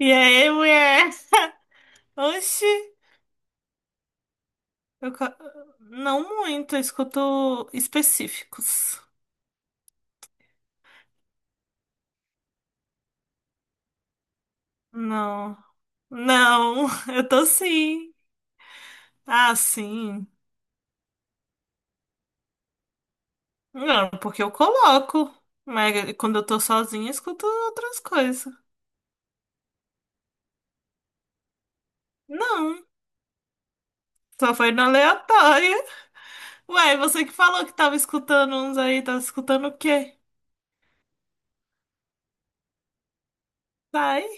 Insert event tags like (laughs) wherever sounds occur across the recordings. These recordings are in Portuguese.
E aí, mulher? Oxi, eu ca- não muito, eu escuto específicos. Não, não, (laughs) eu tô sim. Ah, sim. Não, porque eu coloco. Mas quando eu tô sozinha, eu escuto outras coisas. Não, só foi na aleatória. Ué, você que falou que tava escutando uns aí, tava escutando o quê? Sai.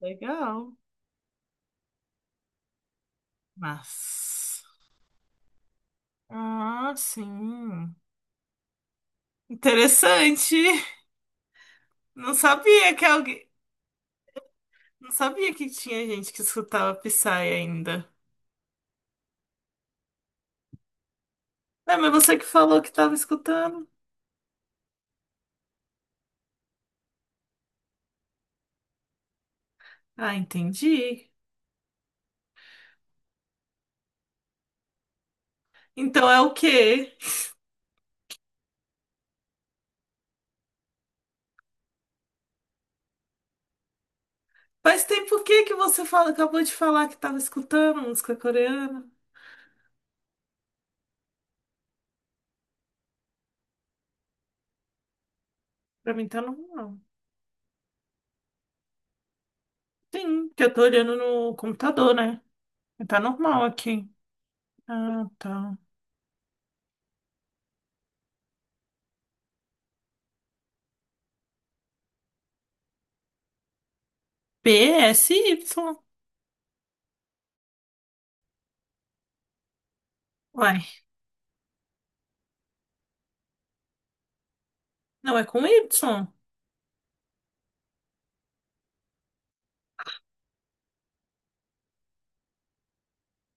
Legal. Mas. Ah, sim. Interessante. (laughs) Não sabia que alguém. Não sabia que tinha gente que escutava Psy ainda. É, mas você que falou que tava escutando. Ah, entendi. Então é o quê? Faz tempo que você fala, acabou de falar que tava escutando música coreana? Pra mim tá normal. Sim, que eu tô olhando no computador, né? Tá normal aqui. Ah, tá. PSY. Uai, não é com Y?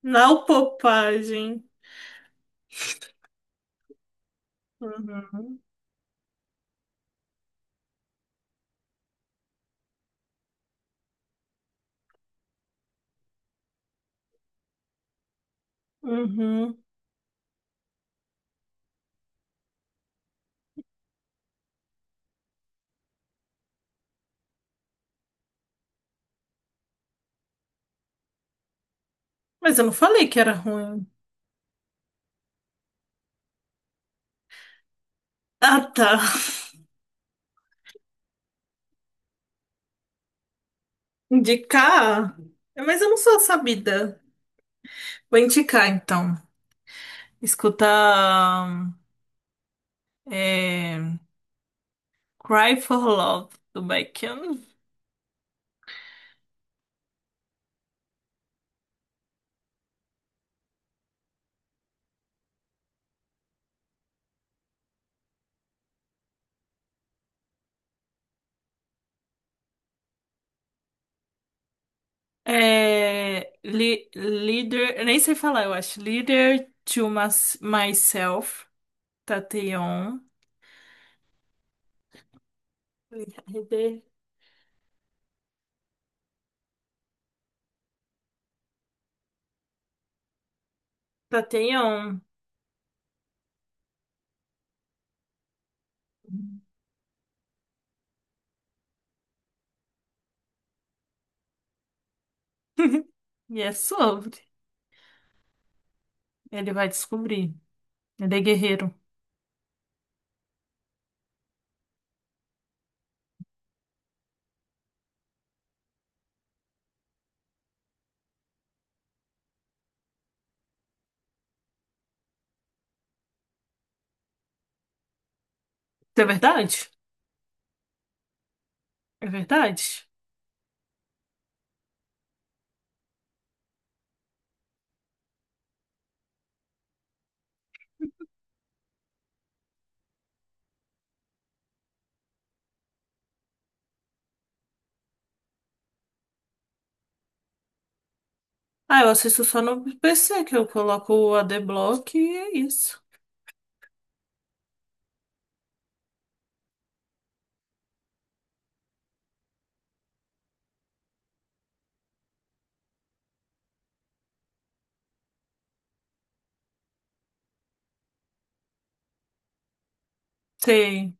Não popagem. Uhum. Uhum. Mas eu não falei que era ruim. Ah, tá. Indicar? Mas eu não sou sabida. Vou indicar, então. Escutar é, Cry for Love, do Baekhyun. É, li, leader... eu nem sei falar, eu acho. Leader to Mas- Myself, Tateon. Leader Tateon. (laughs) E é sobre. Ele vai descobrir. Ele é guerreiro. Isso é verdade? É verdade? Ah, eu assisto só no PC que eu coloco o Adblock e é isso. Tem.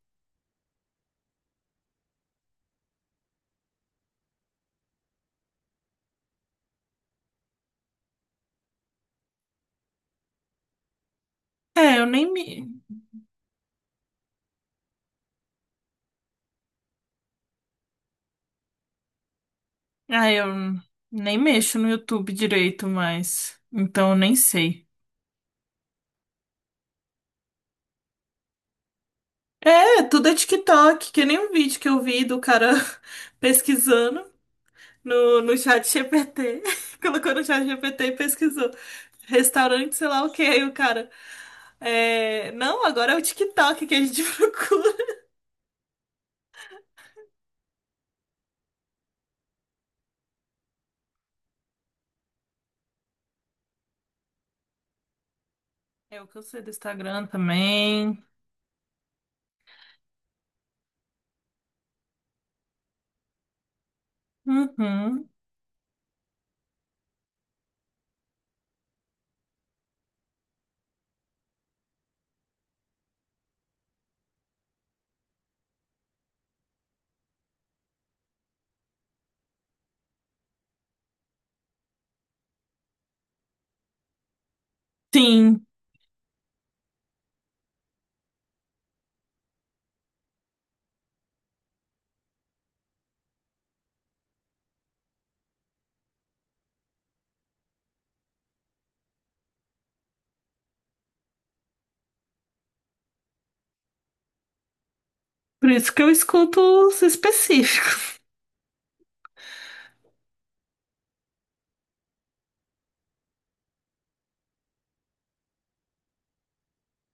É, eu nem me. Ah, eu nem mexo no YouTube direito mais. Então eu nem sei. É, tudo é TikTok, que nem um vídeo que eu vi do cara (laughs) pesquisando no chat GPT. (laughs) Colocou no chat GPT e pesquisou. Restaurante, sei lá o que. Aí o cara. É... Não, agora é o TikTok que a gente (laughs) procura. É o que eu sei do Instagram também. Uhum. Sim, por isso que eu escuto os específicos.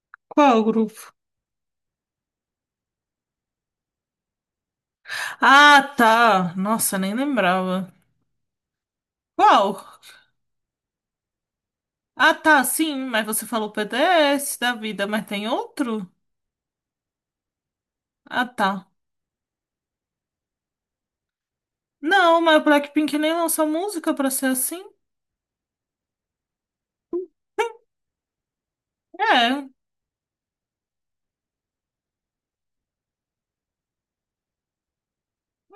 (laughs) Qual grupo? Ah, tá. Nossa, nem lembrava. Qual? Ah, tá, sim, mas você falou PDS da vida, mas tem outro? Ah, tá. Não, mas o Blackpink nem lançou música pra ser assim. É,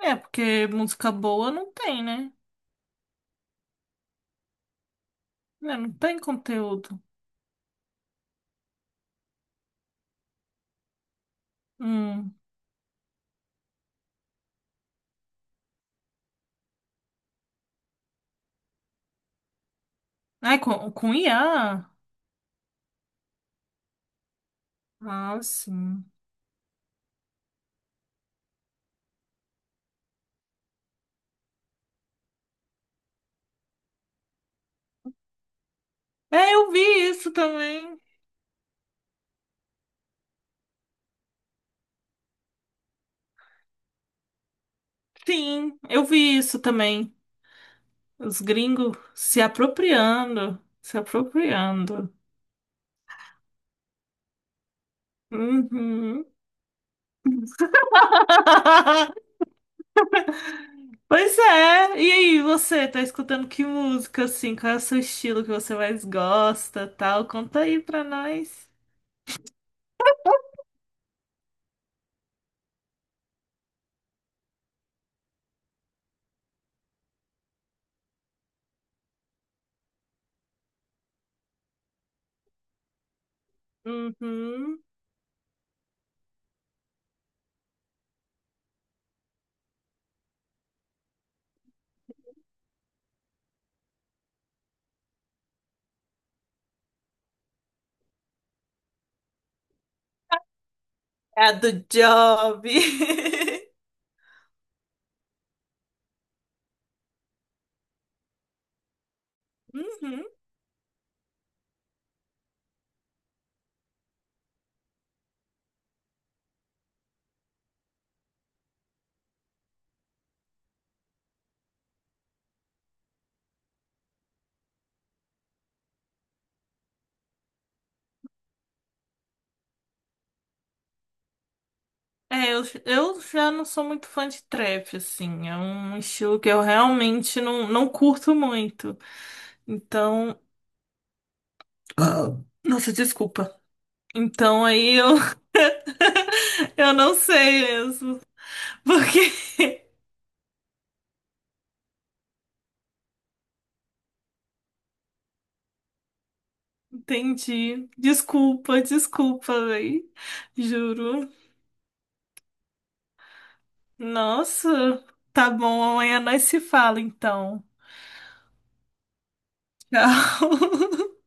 é, porque música boa não tem, né? É, não tem conteúdo. Hum. Ai, com IA? Ah, sim. É, eu vi isso também. Sim, eu vi isso também. Os gringos se apropriando, se apropriando. Uhum. (laughs) Pois é. E aí, você tá escutando que música assim? Qual é o seu estilo que você mais gosta, tal? Conta aí pra nós. Uhum. É a do Job. (laughs) Uhum. É, eu já não sou muito fã de trap, assim. É um estilo que eu realmente não curto muito. Então. Ah, nossa, desculpa. Então aí eu, (laughs) eu não sei mesmo. Porque. (laughs) Entendi. Desculpa, desculpa, véi. Juro. Nossa. Tá bom, amanhã nós se fala então. Tchau. (laughs)